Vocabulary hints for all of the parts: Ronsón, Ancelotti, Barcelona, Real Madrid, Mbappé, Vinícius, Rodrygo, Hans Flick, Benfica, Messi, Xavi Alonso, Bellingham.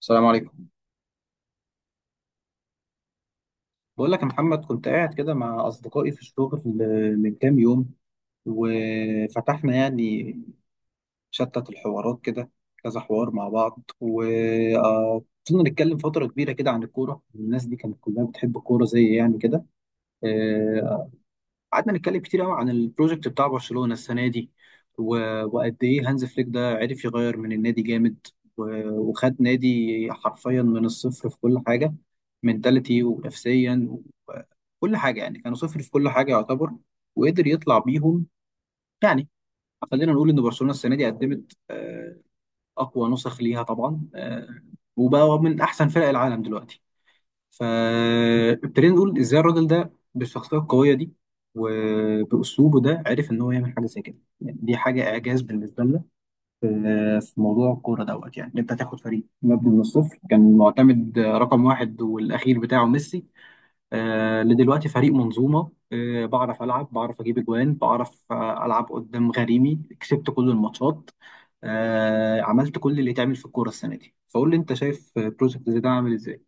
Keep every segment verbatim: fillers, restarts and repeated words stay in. السلام عليكم. بقول لك يا محمد، كنت قاعد كده مع أصدقائي في الشغل من كام يوم. وفتحنا يعني شتت الحوارات كده، كذا حوار مع بعض، وفضلنا نتكلم فترة كبيرة كده عن الكورة. الناس دي كانت كلها بتحب الكورة زي يعني كده. آه، قعدنا نتكلم كتير قوي عن البروجكت بتاع برشلونة السنة دي. و... وقد ايه هانز فليك ده عرف يغير من النادي جامد. و... وخد نادي حرفيا من الصفر في كل حاجة، منتاليتي ونفسيا وكل حاجة. يعني كانوا صفر في كل حاجة يعتبر، وقدر يطلع بيهم. يعني خلينا نقول ان برشلونة السنة دي قدمت آه، اقوى نسخ ليها طبعا، آه، وبقى من احسن فرق العالم دلوقتي. فابتدينا نقول ازاي الراجل ده بالشخصيه القويه دي وباسلوبه ده عرف ان هو يعمل حاجه زي كده. يعني دي حاجه اعجاز بالنسبه لنا في في موضوع الكوره دوت. يعني إن انت تاخد فريق مبني من الصفر، كان معتمد رقم واحد والاخير بتاعه ميسي، آه لدلوقتي فريق منظومه. آه بعرف العب، بعرف اجيب اجوان، بعرف آه، العب قدام غريمي، كسبت كل الماتشات. آه عملت كل اللي يتعمل في الكوره السنه دي. فقول لي انت شايف بروجكت زي ده عامل ازاي؟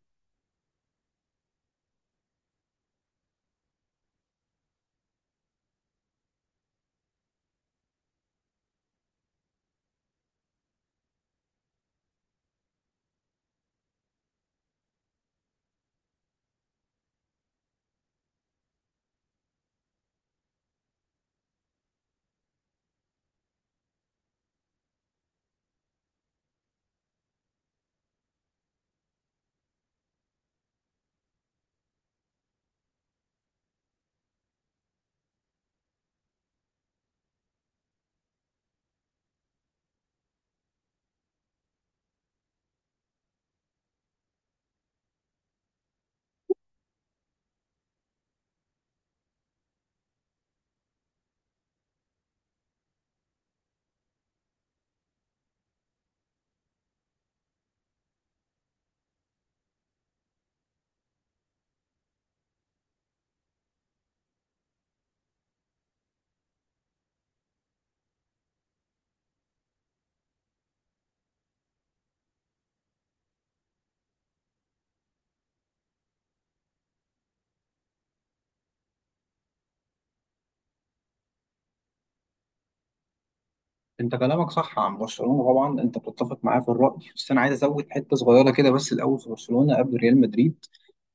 انت كلامك صح عن برشلونه طبعا، انت بتتفق معاه في الراي، بس انا عايز ازود حته صغيره كده بس. الاول في برشلونه قبل ريال مدريد،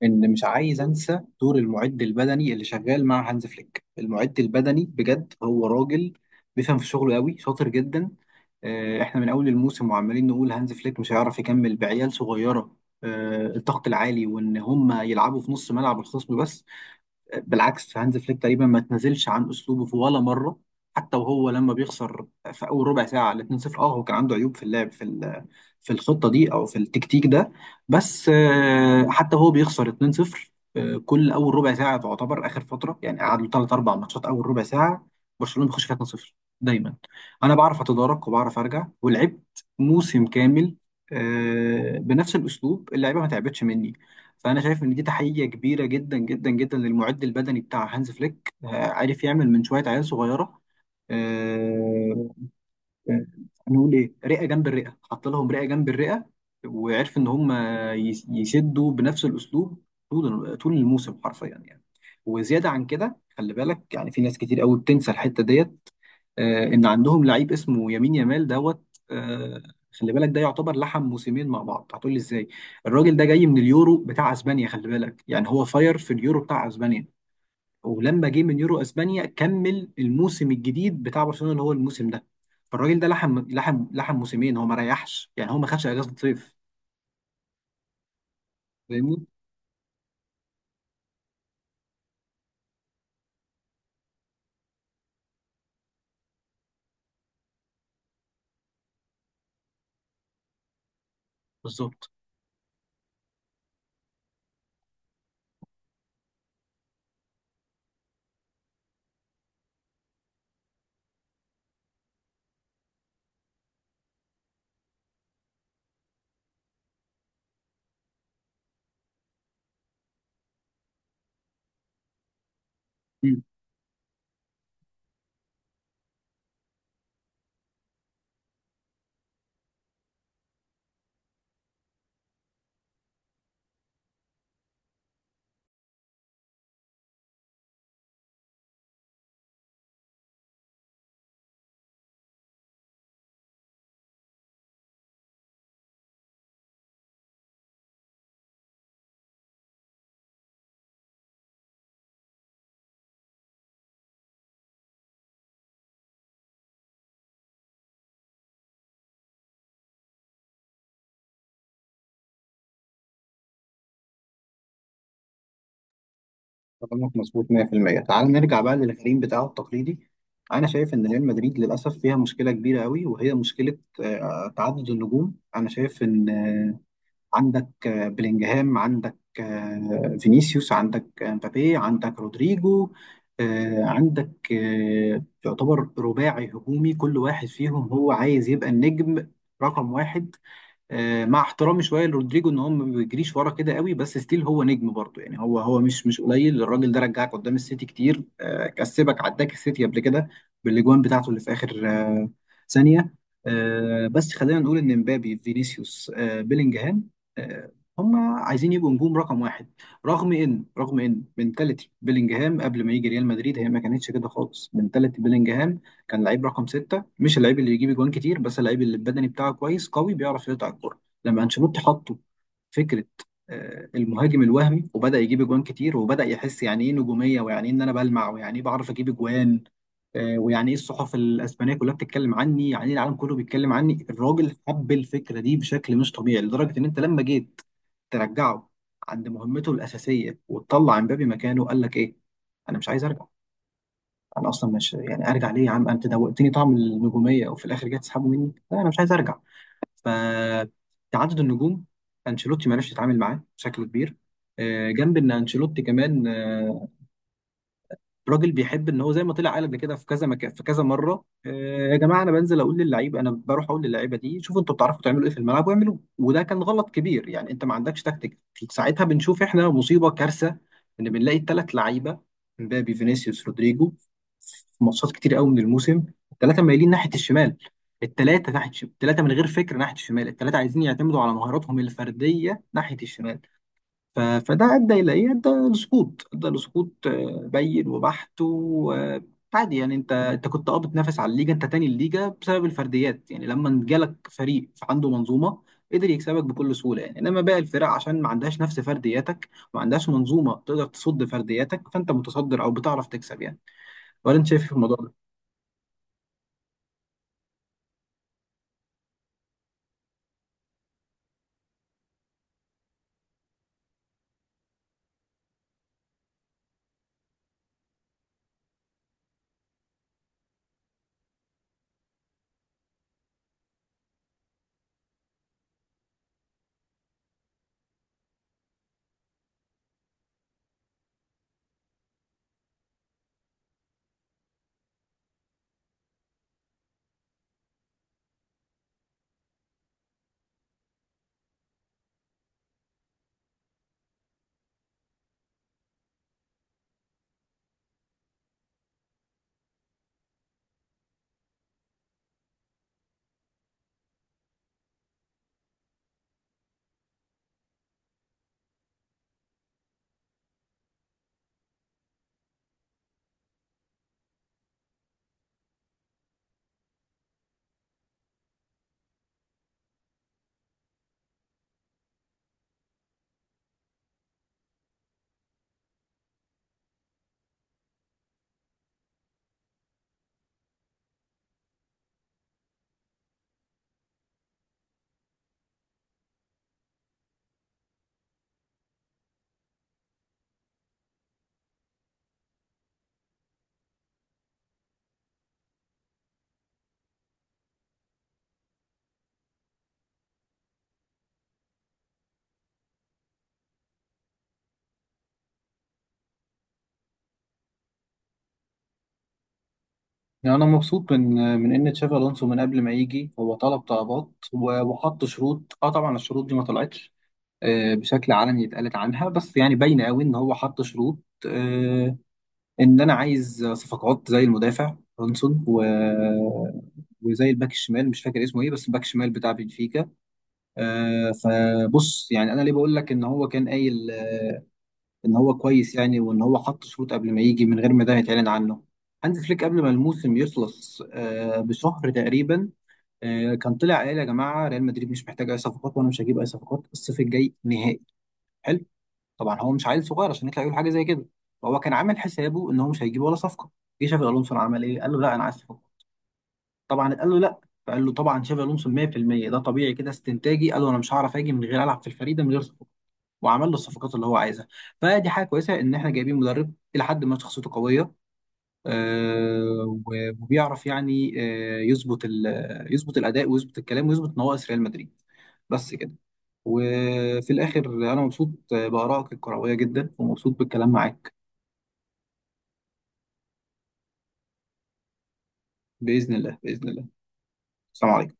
ان مش عايز انسى دور المعد البدني اللي شغال مع هانز فليك. المعد البدني بجد هو راجل بيفهم في شغله قوي، شاطر جدا. اه، احنا من اول الموسم وعمالين نقول هانز فليك مش هيعرف يكمل بعيال صغيره. اه، الضغط العالي، وان هم يلعبوا في نص ملعب الخصم بس. بالعكس، هانز فليك تقريبا ما تنزلش عن اسلوبه في ولا مره، حتى وهو لما بيخسر في اول ربع ساعه على اتنين صفر. اه هو كان عنده عيوب في اللعب في ال- في الخطه دي او في التكتيك ده. بس آه، حتى هو بيخسر اتنين صفر، آه، كل اول ربع ساعه تعتبر اخر فتره. يعني قعد له ثلاث اربع ماتشات اول ربع ساعه برشلونه بيخش فيها اتنين صفر دايما. انا بعرف اتدارك وبعرف ارجع، ولعبت موسم كامل آه، بنفس الاسلوب، اللعيبه ما تعبتش مني. فانا شايف ان دي تحيه كبيره جدا جدا جدا للمعد البدني بتاع هانز فليك. آه، عارف يعمل من شويه عيال صغيره، آه، آه، نقول ايه، رئه جنب الرئه. حط لهم رئه جنب الرئه، وعرف ان هم يس- يسدوا بنفس الاسلوب طول طول الموسم حرفيا يعني. وزياده عن كده، خلي بالك يعني في ناس كتير قوي بتنسى الحته ديت. آه، ان عندهم لعيب اسمه يمين يامال دوت. آه، خلي بالك ده يعتبر لحم موسمين مع بعض. هتقول لي ازاي؟ الراجل ده جاي من اليورو بتاع اسبانيا. خلي بالك يعني هو فاير في اليورو بتاع اسبانيا. ولما جه من يورو اسبانيا كمل الموسم الجديد بتاع برشلونة اللي هو الموسم ده. فالراجل ده لحم لحم لحم موسمين، هو ما ريحش، يعني هو ما خدش اجازة صيف. فاهمني بالظبط. كلامك مظبوط مية في المية. تعال نرجع بقى للغريم بتاعه التقليدي. انا شايف ان ريال مدريد للاسف فيها مشكله كبيره قوي، وهي مشكله آه، تعدد النجوم. انا شايف ان آه، عندك آه، بلينجهام، عندك آه، فينيسيوس، عندك آه، مبابي، عندك رودريجو. آه، عندك آه، يعتبر رباعي هجومي، كل واحد فيهم هو عايز يبقى النجم رقم واحد. آه، مع احترامي شويه لرودريجو ان هو ما بيجريش ورا كده قوي، بس ستيل هو نجم برضه. يعني هو هو مش مش قليل، الراجل ده رجعك قدام السيتي كتير. آه، كسبك عداك السيتي قبل كده بالاجوان بتاعته اللي في اخر آه، ثانيه. آه، بس خلينا نقول ان مبابي، فينيسيوس، آه، بيلينجهام، آه، هم عايزين يبقوا نجوم رقم واحد، رغم ان رغم ان منتاليتي بيلينجهام قبل ما يجي ريال مدريد هي ما كانتش كده خالص. منتاليتي بيلينجهام كان لعيب رقم ستة، مش اللعيب اللي يجيب اجوان كتير، بس اللعيب اللي البدني بتاعه كويس قوي، بيعرف يقطع الكرة. لما انشيلوتي حطه فكرة آه، المهاجم الوهمي، وبدأ يجيب اجوان كتير وبدأ يحس يعني ايه نجومية، ويعني ايه ان انا بلمع، ويعني ايه بعرف اجيب اجوان، آه، ويعني ايه الصحف الاسبانية كلها بتتكلم عني، يعني ايه العالم كله بيتكلم عني. الراجل حب الفكرة دي بشكل مش طبيعي، لدرجة ان انت لما جيت ترجعه عند مهمته الأساسية وتطلع امبابي مكانه، قال لك ايه؟ انا مش عايز ارجع. انا اصلا مش يعني ارجع ليه يا عم؟ انت دوقتني طعم النجوميه وفي الاخر جاي تسحبه مني؟ لا، انا مش عايز ارجع. فتعدد النجوم انشيلوتي ما عرفش يتعامل معاه بشكل كبير. آه، جنب ان انشيلوتي كمان آه، راجل بيحب ان هو زي ما طلع قال قبل كده في كذا مكان، في كذا مره، آه، يا جماعه انا بنزل اقول للعيب، انا بروح اقول للعيبه دي شوفوا انتوا بتعرفوا تعملوا ايه في الملعب واعملوه. وده كان غلط كبير. يعني انت ما عندكش تكتيك. ساعتها بنشوف احنا مصيبه كارثه، ان بنلاقي الثلاث لعيبه مبابي، فينيسيوس، رودريجو في ماتشات كتير قوي من الموسم الثلاثه مايلين ناحيه الشمال، الثلاثه ناحيه الشمال، الثلاثه من غير فكر ناحيه الشمال، الثلاثه عايزين يعتمدوا على مهاراتهم الفرديه ناحيه الشمال. ف- فده ادى الى ايه؟ ادى لسقوط، ادى لسقوط آه، بين وبحت وعادي. يعني انت انت كنت اه بتنافس على الليجا، انت تاني الليجا بسبب الفرديات. يعني لما جالك فريق عنده منظومه قدر يكسبك بكل سهوله. يعني انما باقي الفرق عشان ما عندهاش نفس فردياتك وما عندهاش منظومه تقدر تصد فردياتك، فانت متصدر او بتعرف تكسب يعني. ولا انت شايف إيه في الموضوع ده؟ يعني أنا مبسوط من من إن تشافي ألونسو من قبل ما يجي هو طلب طلبات و- وحط شروط. أه طبعا الشروط دي ما طلعتش آه، بشكل علني اتقالت عنها، بس يعني باينه قوي ان هو حط شروط. آه، ان انا عايز صفقات زي المدافع رونسون و- وزي الباك الشمال، مش فاكر اسمه ايه بس الباك الشمال بتاع بنفيكا. آه، فبص، يعني انا ليه بقول لك ان هو كان قايل آه، ان هو كويس، يعني وان هو حط شروط قبل ما يجي من غير ما ده يتعلن عنه. هانز فليك قبل ما الموسم يخلص آه، بشهر تقريبا آه، كان طلع قال يا جماعه ريال مدريد مش محتاج اي صفقات وانا مش هجيب اي صفقات الصيف الجاي نهائي. طبعا هو مش عيل صغير عشان يطلع يقول حاجه زي كده. فهو كان عامل حسابه ان هو مش هيجيب ولا صفقه. جه شافي الونسو عمل ايه؟ قال له لا، انا عايز صفقه. طبعا قال له لا. فقال له، طبعا شافي الونسو مية في المية ده طبيعي كده استنتاجي، قال له انا مش هعرف اجي من غير العب في الفريق ده من غير صفقه. وعمل له الصفقات اللي هو عايزها. فدي حاجه كويسه ان احنا جايبين مدرب الى حد ما شخصيته قويه، آه، و- وبيعرف يعني آه، يظبط ال- يظبط الاداء ويظبط الكلام ويظبط نواقص ريال مدريد، بس كده. وفي الاخر، انا مبسوط بارائك الكرويه جدا ومبسوط بالكلام معاك. باذن الله، باذن الله. السلام عليكم.